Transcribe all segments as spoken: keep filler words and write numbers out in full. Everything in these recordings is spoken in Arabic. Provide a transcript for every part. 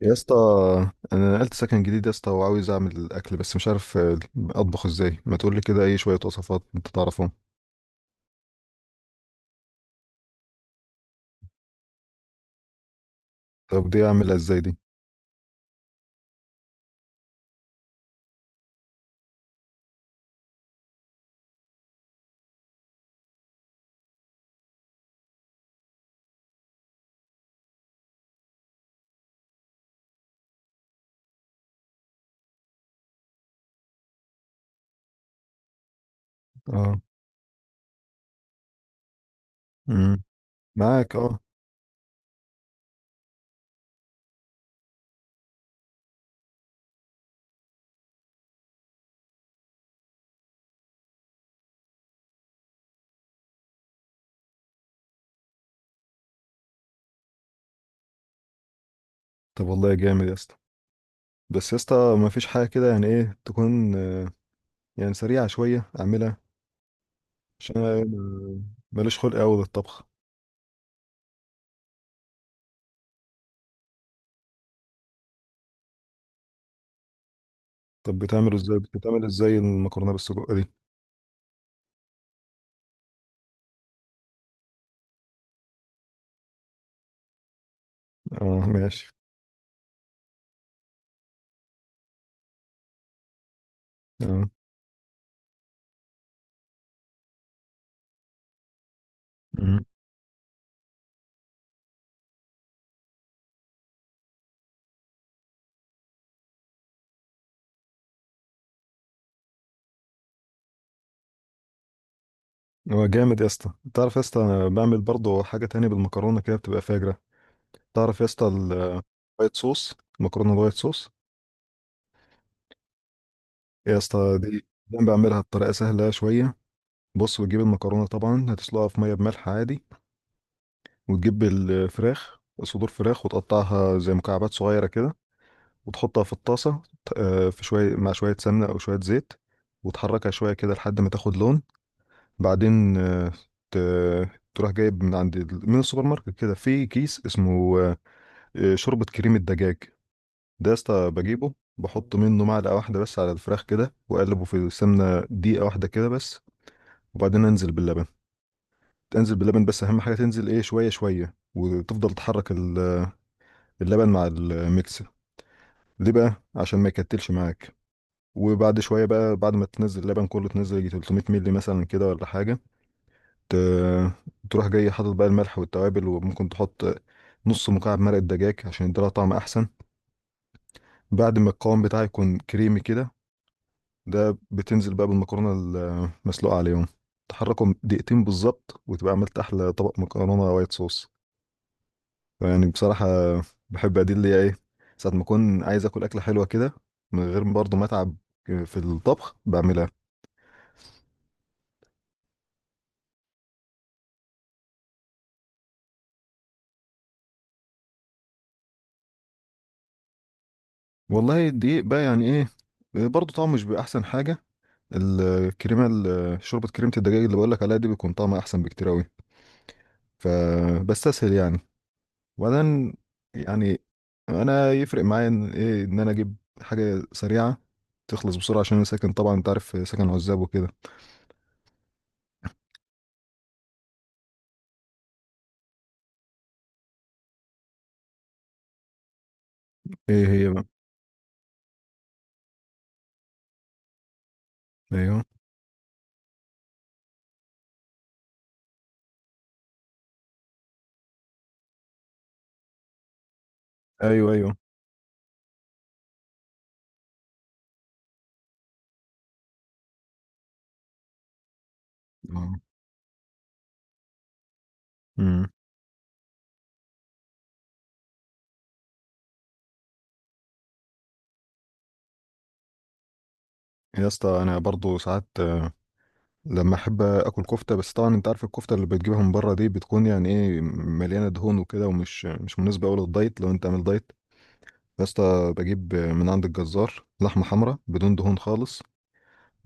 يا اسطى، انا نقلت سكن جديد يا اسطى، وعاوز اعمل اكل بس مش عارف آه، اطبخ ازاي. ما تقول لي كده اي شويه وصفات انت تعرفهم؟ طب دي اعملها ازاي دي؟ اه. امم. معاك اه. طب والله جامد يا اسطى. بس يا اسطى ما فيش حاجه كده، يعني ايه تكون آه، يعني سريعه شويه اعملها؟ عشان انا ما- ماليش خلق قوي للطبخ. طب بتعمله ازاي بتعمل ازاي المكرونه بالسجق دي؟ اه ماشي. اه. امم. هو جامد يا اسطى. تعرف يا اسطى أنا بعمل برضه حاجه تانية بالمكرونه كده بتبقى فاجره. تعرف يا اسطى الوايت صوص المكرونه الوايت صوص. يا اسطى، دي دايما بعملها بطريقه سهله شويه. بص، بتجيب المكرونه طبعا هتسلقها في ميه بملح عادي، وتجيب الفراخ صدور فراخ وتقطعها زي مكعبات صغيره كده، وتحطها في الطاسه، آه، في شويه مع شويه سمنه او شويه زيت، وتحركها شويه كده لحد ما تاخد لون. بعدين آه، ت- تروح جايب من عند ال- من السوبر ماركت كده في كيس اسمه آه، شوربه كريمه دجاج. ده يا اسطى بجيبه، بحط منه معلقة واحدة بس على الفراخ كده، وأقلبه في السمنة دقيقة واحدة كده بس. وبعدين أنزل باللبن تنزل باللبن. بس أهم حاجة تنزل إيه، شوية شوية وتفضل تحرك ال- اللبن مع الميكس. ليه بقى؟ عشان ما يكتلش معاك. وبعد شوية بقى، بعد ما تنزل اللبن كله، تنزل يجي تلت ميت مللي مثلا كده ولا حاجة. ت- تروح جاي حاطط بقى الملح والتوابل، وممكن تحط نص مكعب مرق الدجاج عشان يديلها طعم أحسن. بعد ما القوام بتاعه يكون كريمي كده، ده بتنزل بقى بالمكرونه المسلوقه عليهم، تحركهم دقيقتين بالظبط، وتبقى عملت احلى طبق مكرونه وايت صوص. يعني بصراحه بحب ادي اللي هي ايه، ساعه ما اكون عايز اكل اكله حلوه كده من غير برضه ما اتعب في الطبخ بعملها. والله الدقيق بقى يعني ايه، برضه طعمه مش بيبقى احسن حاجه. الكريمه ال- شوربه كريمه الدجاج اللي بقول لك عليها دي بيكون طعمها احسن بكتير قوي. فبستسهل يعني. وبعدين يعني، انا يفرق معايا ان ايه، ان انا اجيب حاجه سريعه تخلص بسرعه، عشان انا ساكن طبعا انت عارف، ساكن عزاب وكده. ايه هي بقى؟ ايوه، ايوه، ايوه. اه. امم. يا اسطى انا برضو ساعات آه، لما احب اكل كفته. بس طبعا انت عارف الكفته اللي بتجيبها من بره دي بتكون يعني ايه مليانه دهون وكده، ومش مش مناسبه قوي للدايت لو انت عامل دايت. يا اسطى بجيب آه، من عند الجزار لحمه حمراء بدون دهون خالص،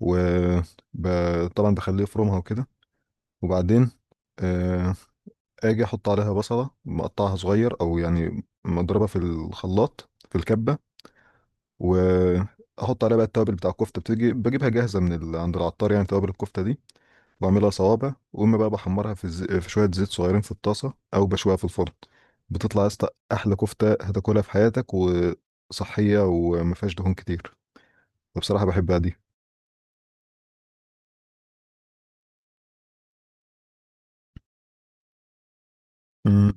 وطبعا بخليه يفرمها وكده. وبعدين آه، اجي احط عليها بصلة مقطعها صغير، او يعني مضربة في الخلاط في الكبة. واحط عليها بقى التوابل بتاع الكفتة، بتيجي بجيبها جاهزة من ال... عند العطار، يعني توابل الكفتة دي. بعملها صوابع، واما بقى بحمرها في, الز... في شوية زيت صغيرين في الطاسة، او بشويها في الفرن. بتطلع يا اسطى احلى كفتة هتاكلها في حياتك، وصحية وما فيهاش دهون كتير. فبصراحة بحبها دي. امم.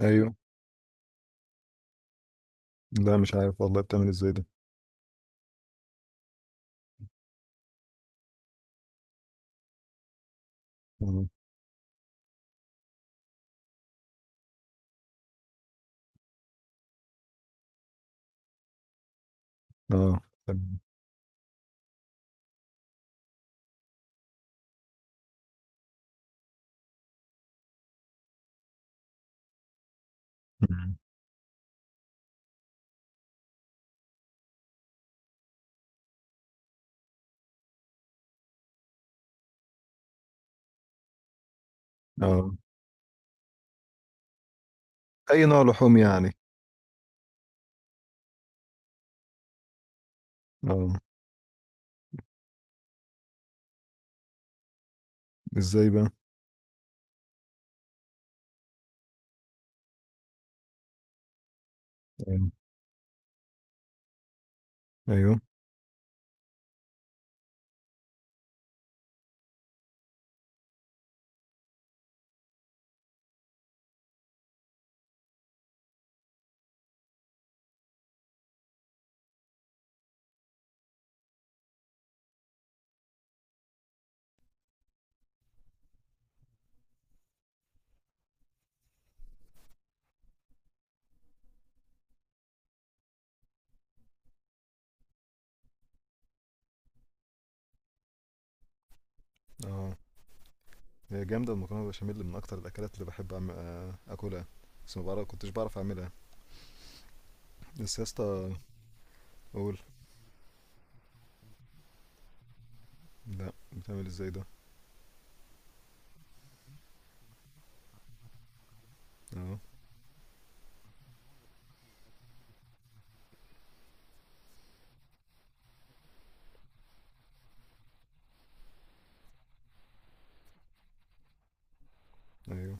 ايوه. لا مش عارف والله، بتعمل ازاي ده؟ مم. اه. تمام. مم. اه. اي نوع لحوم يعني؟ اه. ازاي بقى؟ ايوه، ايوه. اه. هي جامده المكرونه بشاميل، من اكتر الاكلات اللي بحب أعم... آه، اكلها. بس ما بعرف كنتش بعرف اعملها. بس يا اسطى، اقول. لا، بتعمل ازاي ده؟ اه. ايوه.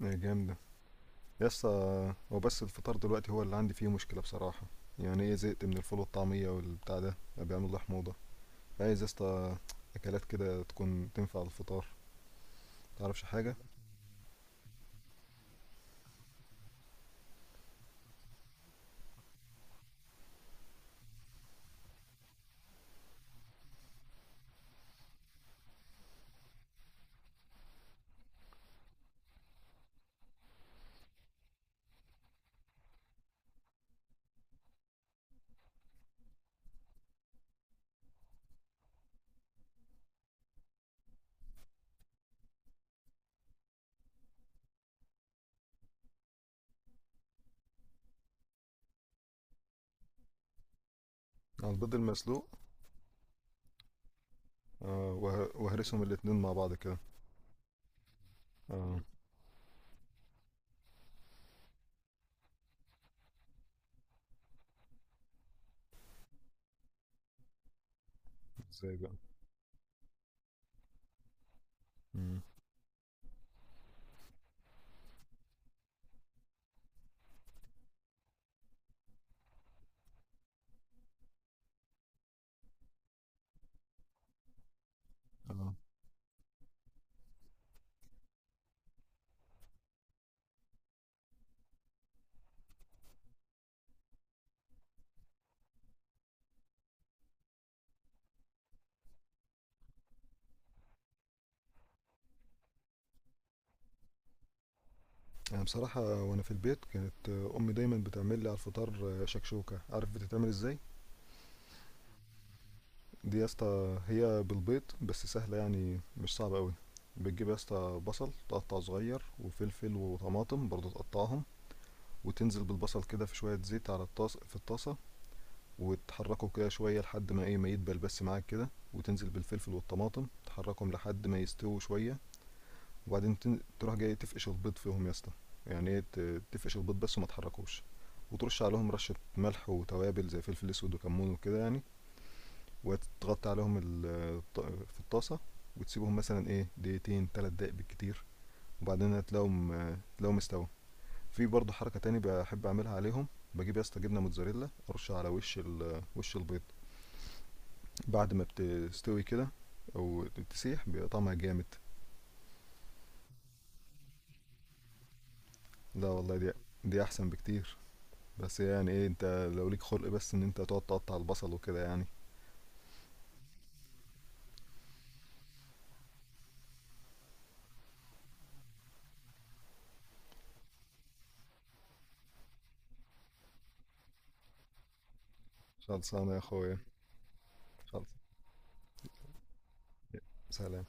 هي جامده. يا اسطى، هو بس الفطار دلوقتي هو اللي عندي فيه مشكله بصراحه. يعني ايه، زهقت من الفول والطعميه والبتاع ده، بقى بيعمل لي حموضه. عايز يا اسطى اكلات كده تكون تنفع على الفطار. تعرفش حاجه؟ على البيض المسلوق؟ آه وه- وهرسهم الاتنين مع بعض كده. اه. ازاي بقى؟ مم. اه. انا بصراحه وانا في البيت كانت امي دايما بتعمل لي على الفطار شكشوكه، عارف بتتعمل ازاي؟ دي يا اسطى هي بالبيض بس، سهله يعني مش صعبه قوي. بتجيب يا اسطى بصل تقطع صغير، وفلفل وطماطم برضه تقطعهم. وتنزل بالبصل كده في شويه زيت على الطاس في الطاسه، وتحركه كده شويه لحد ما ايه، ما يدبل بس معاك كده. وتنزل بالفلفل والطماطم تحركهم لحد ما يستووا شويه. وبعدين تن- تروح جاي تفقش البيض فيهم يا اسطى. يعني ايه ت- تفقش البيض بس، وما تحركوش. وترش عليهم رشة ملح وتوابل زي فلفل اسود وكمون وكده يعني. وتغطي عليهم ال- الط- في الطاسة، وتسيبهم مثلا ايه دقيقتين تلات دقايق بالكتير. وبعدين هتلاقيهم آه، تلاقيهم استوى. في برضه حركة تاني بحب اعملها عليهم. بجيب يا اسطى جبنة موتزاريلا، ارش على وش ال- وش البيض بعد ما بتستوي كده، او تسيح بيبقى طعمها جامد. لا والله، دي دي احسن بكتير. بس يعني ايه انت، لو ليك خلق بس ان انت تقعد تقطع البصل وكده يعني. خلصانه يا اخويا. خلص. سلام.